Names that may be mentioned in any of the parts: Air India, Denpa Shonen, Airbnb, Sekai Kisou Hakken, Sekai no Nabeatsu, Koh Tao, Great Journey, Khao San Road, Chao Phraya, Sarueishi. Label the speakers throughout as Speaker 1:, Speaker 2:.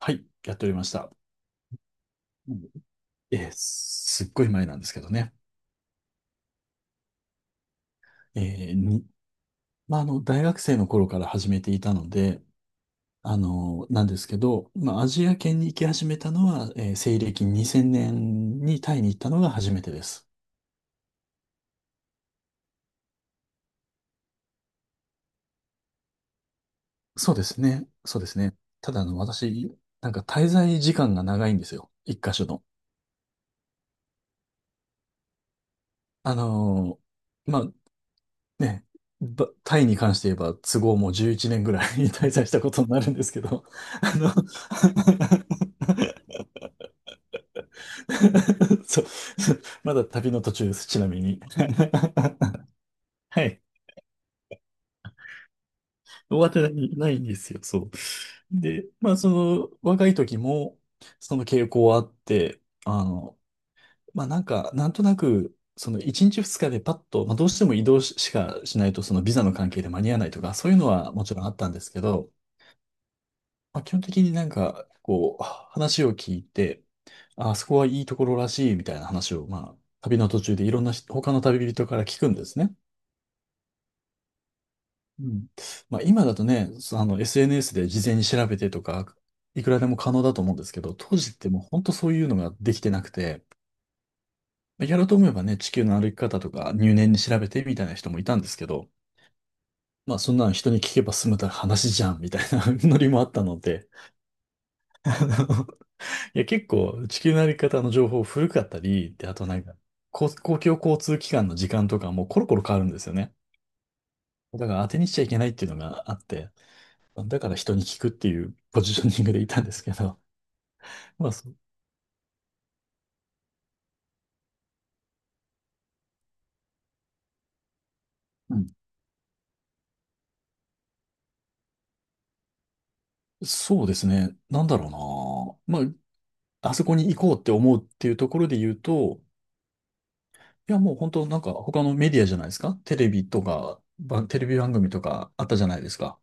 Speaker 1: はい、やっておりました。うん。すっごい前なんですけどね。えーに、まあ、大学生の頃から始めていたので、なんですけど、まあ、アジア圏に行き始めたのは、西暦2000年にタイに行ったのが初めてです。そうですね。そうですね。ただ、私、なんか滞在時間が長いんですよ。一箇所の。あのまあ、ね、タイに関して言えば、都合もう11年ぐらい 滞在したことになるんですけど、あの そう。まだ旅の途中です、ちなみに。はい。終わってないないんですよ、そう。で、まあ、その、若い時も、その傾向はあって、まあ、なんか、なんとなく、その、1日2日でパッと、まあ、どうしても移動ししかしないと、その、ビザの関係で間に合わないとか、そういうのはもちろんあったんですけど、まあ、基本的になんか、こう、話を聞いて、あ、あそこはいいところらしい、みたいな話を、まあ、旅の途中でいろんな人他の旅人から聞くんですね。うん。まあ、今だとね、そあの、SNS で事前に調べてとか、いくらでも可能だと思うんですけど、当時ってもう本当そういうのができてなくて、まあやろうと思えばね、地球の歩き方とか入念に調べてみたいな人もいたんですけど、まあそんなの人に聞けば済むたら話じゃんみたいな ノリもあったので、あのいや結構地球の歩き方の情報古かったり、で、あとなんか、公共交通機関の時間とかもコロコロ変わるんですよね。だから当てにしちゃいけないっていうのがあって、だから人に聞くっていう ポジショニングでいたんですけど、まあ、うん、そうですね。なんだろうな。まあ、あそこに行こうって思うっていうところで言うと、いや、もう本当なんか他のメディアじゃないですか。テレビとか、テレビ番組とかあったじゃないですか。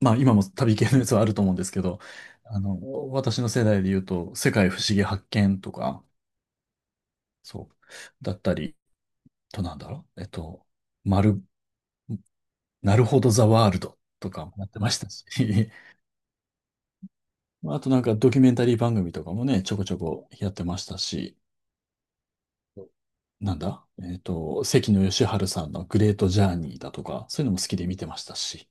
Speaker 1: まあ、今も旅系のやつはあると思うんですけど、あの、私の世代で言うと、世界不思議発見とか、そう、だったり、となんだろう。まる、なるほどザワールドとかもやってましたし、まあとなんかドキュメンタリー番組とかもね、ちょこちょこやってましたし、なんだえっと、関野吉晴さんのグレートジャーニーだとか、そういうのも好きで見てましたし、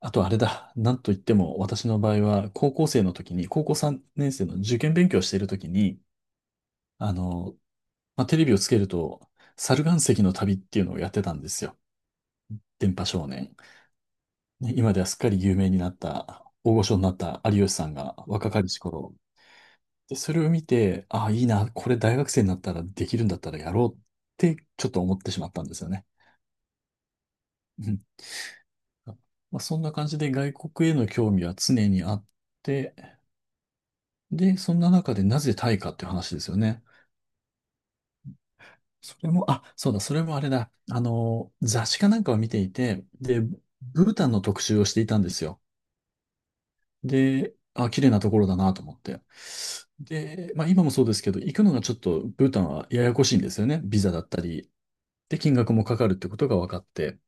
Speaker 1: あとあれだ、なんといっても私の場合は高校生の時に、高校3年生の受験勉強している時に、あの、まあ、テレビをつけると、猿岩石の旅っていうのをやってたんですよ。電波少年。ね、今ではすっかり有名になった、大御所になった有吉さんが若かりし頃で、それを見て、ああ、いいな、これ大学生になったらできるんだったらやろうってちょっと思ってしまったんですよね。うん。まあ、そんな感じで外国への興味は常にあって、で、そんな中でなぜタイかっていう話ですよね。それも、あ、そうだ、それもあれだ。雑誌かなんかを見ていて、で、ブータンの特集をしていたんですよ。で、あ、綺麗なところだなと思って。で、まあ今もそうですけど、行くのがちょっとブータンはややこしいんですよね。ビザだったり、で、金額もかかるってことが分かって、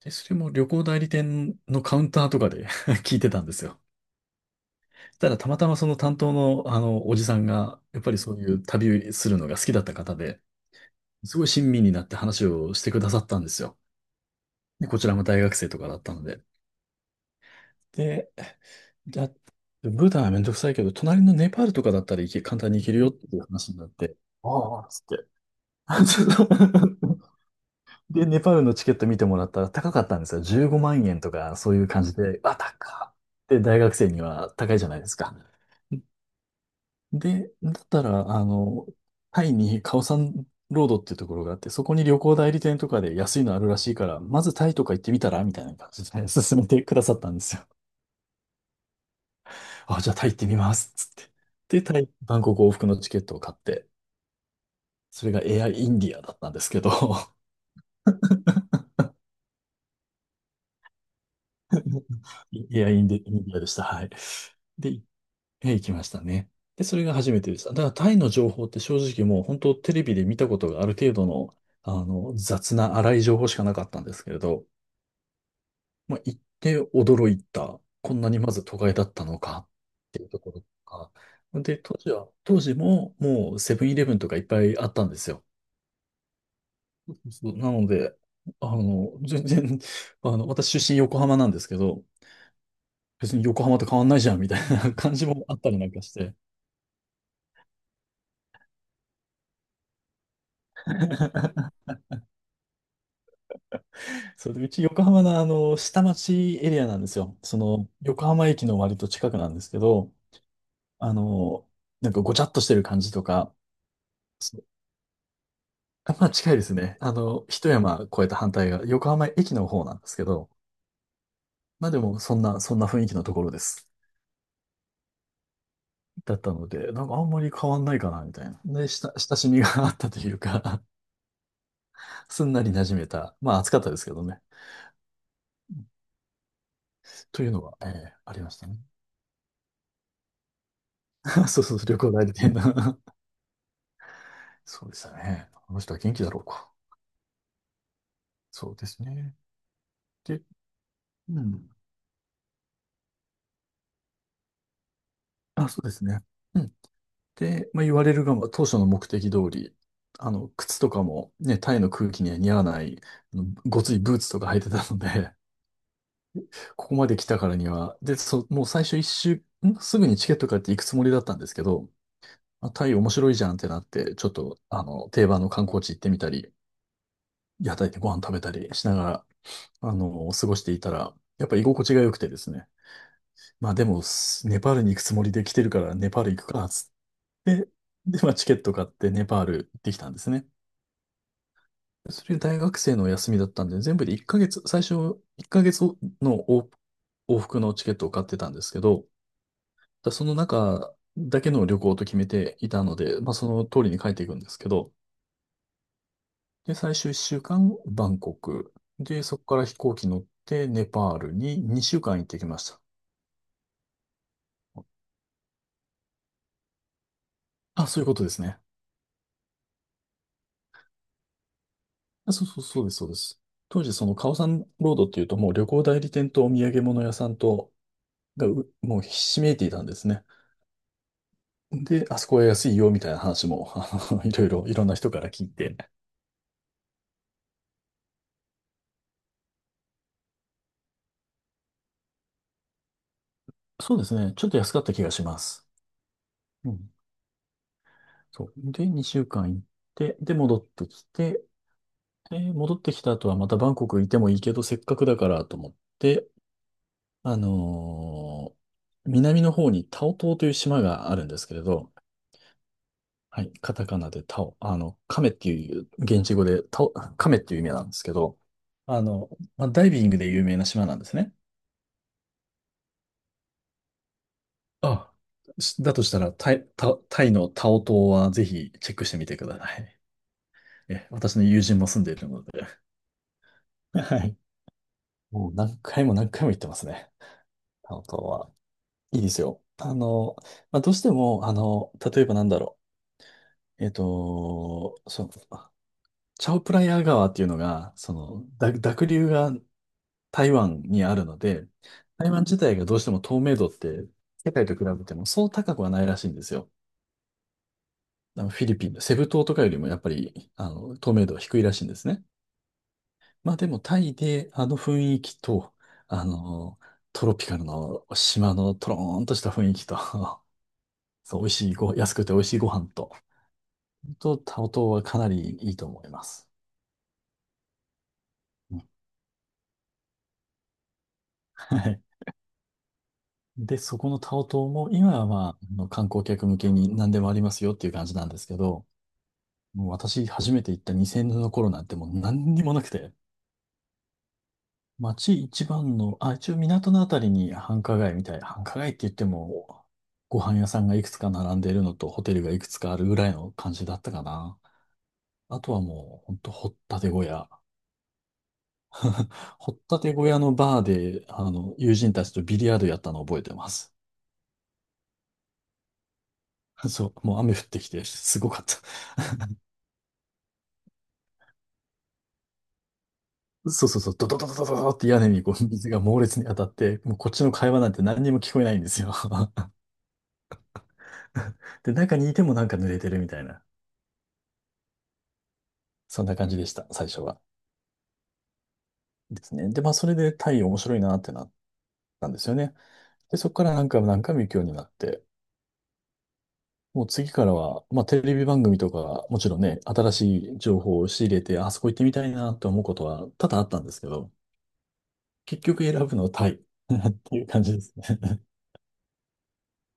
Speaker 1: で、それも旅行代理店のカウンターとかで 聞いてたんですよ。ただ、たまたまその担当の、おじさんが、やっぱりそういう旅するのが好きだった方で、すごい親身になって話をしてくださったんですよ。で、こちらも大学生とかだったので。で、ブータンはめんどくさいけど、隣のネパールとかだったら簡単に行けるよっていう話になって、ああ、つって。で、ネパールのチケット見てもらったら高かったんですよ。15万円とか、そういう感じで、あ、高っって大学生には高いじゃないですか。で、だったら、タイにカオサンロードっていうところがあって、そこに旅行代理店とかで安いのあるらしいから、まずタイとか行ってみたらみたいな感じで 勧めてくださったんですよ。あ、じゃあタイ行ってみます。つって。で、タイ、バンコク往復のチケットを買って、それがエアインディアだったんですけど、エアインディ、インディアでした。はい。で、行きましたね。で、それが初めてです。だからタイの情報って正直もう本当テレビで見たことがある程度の、雑な粗い情報しかなかったんですけれど、まあ、行って驚いた。こんなにまず都会だったのかっていうところとか。で、当時ももうセブンイレブンとかいっぱいあったんですよ。そうなので、全然、私出身横浜なんですけど、別に横浜と変わんないじゃんみたいな感じもあったりなんかして。それで、うち横浜の下町エリアなんですよ。その、横浜駅の割と近くなんですけど、あの、なんかごちゃっとしてる感じとか、そうあまあ近いですね。一山越えた反対が横浜駅の方なんですけど、まあでもそんな雰囲気のところです。だったので、なんかあんまり変わんないかな、みたいな。で、親しみが あったというか すんなり馴染めた。まあ暑かったですけどね。というのは、ええありましたね。そうそう、旅行代理店な そうでしたね。あの人は元気だろうか。そうですね。で、うん。あ、そうですね。うん。で、まあ、言われるがまあ、当初の目的通り、靴とかもね、タイの空気には似合わない、あのごついブーツとか履いてたので、ここまで来たからには、で、もう最初一周、すぐにチケット買って行くつもりだったんですけど、あ、タイ面白いじゃんってなって、ちょっと、定番の観光地行ってみたり、屋台でご飯食べたりしながら、過ごしていたら、やっぱ居心地が良くてですね。まあでも、ネパールに行くつもりで来てるから、ネパール行くか、で、で、まあ、チケット買ってネパール行ってきたんですね。それ大学生の休みだったんで、全部で1ヶ月、最初1ヶ月の往復のチケットを買ってたんですけど、その中だけの旅行と決めていたので、まあ、その通りに帰っていくんですけど、で、最終1週間、バンコク。で、そこから飛行機乗って、ネパールに2週間行ってきました。あ、そういうことですね。あ、そうそう、そうです、そうです。当時、そのカオサンロードっていうと、もう旅行代理店とお土産物屋さんと、もうひしめいていたんですね。で、あそこは安いよみたいな話も、いろんな人から聞いて。そうですね。ちょっと安かった気がします。うん。そう。で、2週間行って、で、戻ってきて、で戻ってきた後はまたバンコクいてもいいけど、せっかくだからと思って、あのー南の方にタオ島という島があるんですけれど、はい、カタカナでタオ、カメっていう、現地語でタオ、カメっていう意味なんですけど、あの、まあ、ダイビングで有名な島なんですね。あ、だとしたら、タイのタオ島はぜひチェックしてみてください。え、私の友人も住んでいるので。はい。もう何回も何回も行ってますね。タオ島は。いいですよ。まあ、どうしても、例えばなんだろう。そう、チャオプラヤ川っていうのが、その、濁流が台湾にあるので、台湾自体がどうしても透明度って世界と比べてもそう高くはないらしいんですよ。あのフィリピンのセブ島とかよりもやっぱり、透明度は低いらしいんですね。まあでもタイであの雰囲気と、あの、トロピカルの島のトローンとした雰囲気と そう、美味しいご、安くて美味しいご飯と、タオ島はかなりいいと思います。うん、はい。で、そこのタオ島も、今はまあ、あの観光客向けに何でもありますよっていう感じなんですけど、もう私初めて行った2000年の頃なんてもう何にもなくて、街一番の、あ、一応港のあたりに繁華街みたい。繁華街って言っても、ご飯屋さんがいくつか並んでいるのと、ホテルがいくつかあるぐらいの感じだったかな。あとはもう、ほんと、掘ったて小屋。掘ったて小屋のバーで、友人たちとビリヤードやったのを覚えてます。そう、もう雨降ってきて、すごかった。そうそうそう、ドドドドドドドって屋根にこう水が猛烈に当たって、もうこっちの会話なんて何にも聞こえないんですよ。で、中にいてもなんか濡れてるみたいな、そんな感じでした、最初は。ですね。で、まあ、それでタイ面白いなってなったんですよね。で、そこから何回も何回も行くようになって、もう次からは、まあ、テレビ番組とか、もちろんね、新しい情報を仕入れて、あそこ行ってみたいなと思うことは多々あったんですけど、結局選ぶのはタイ っていう感じです。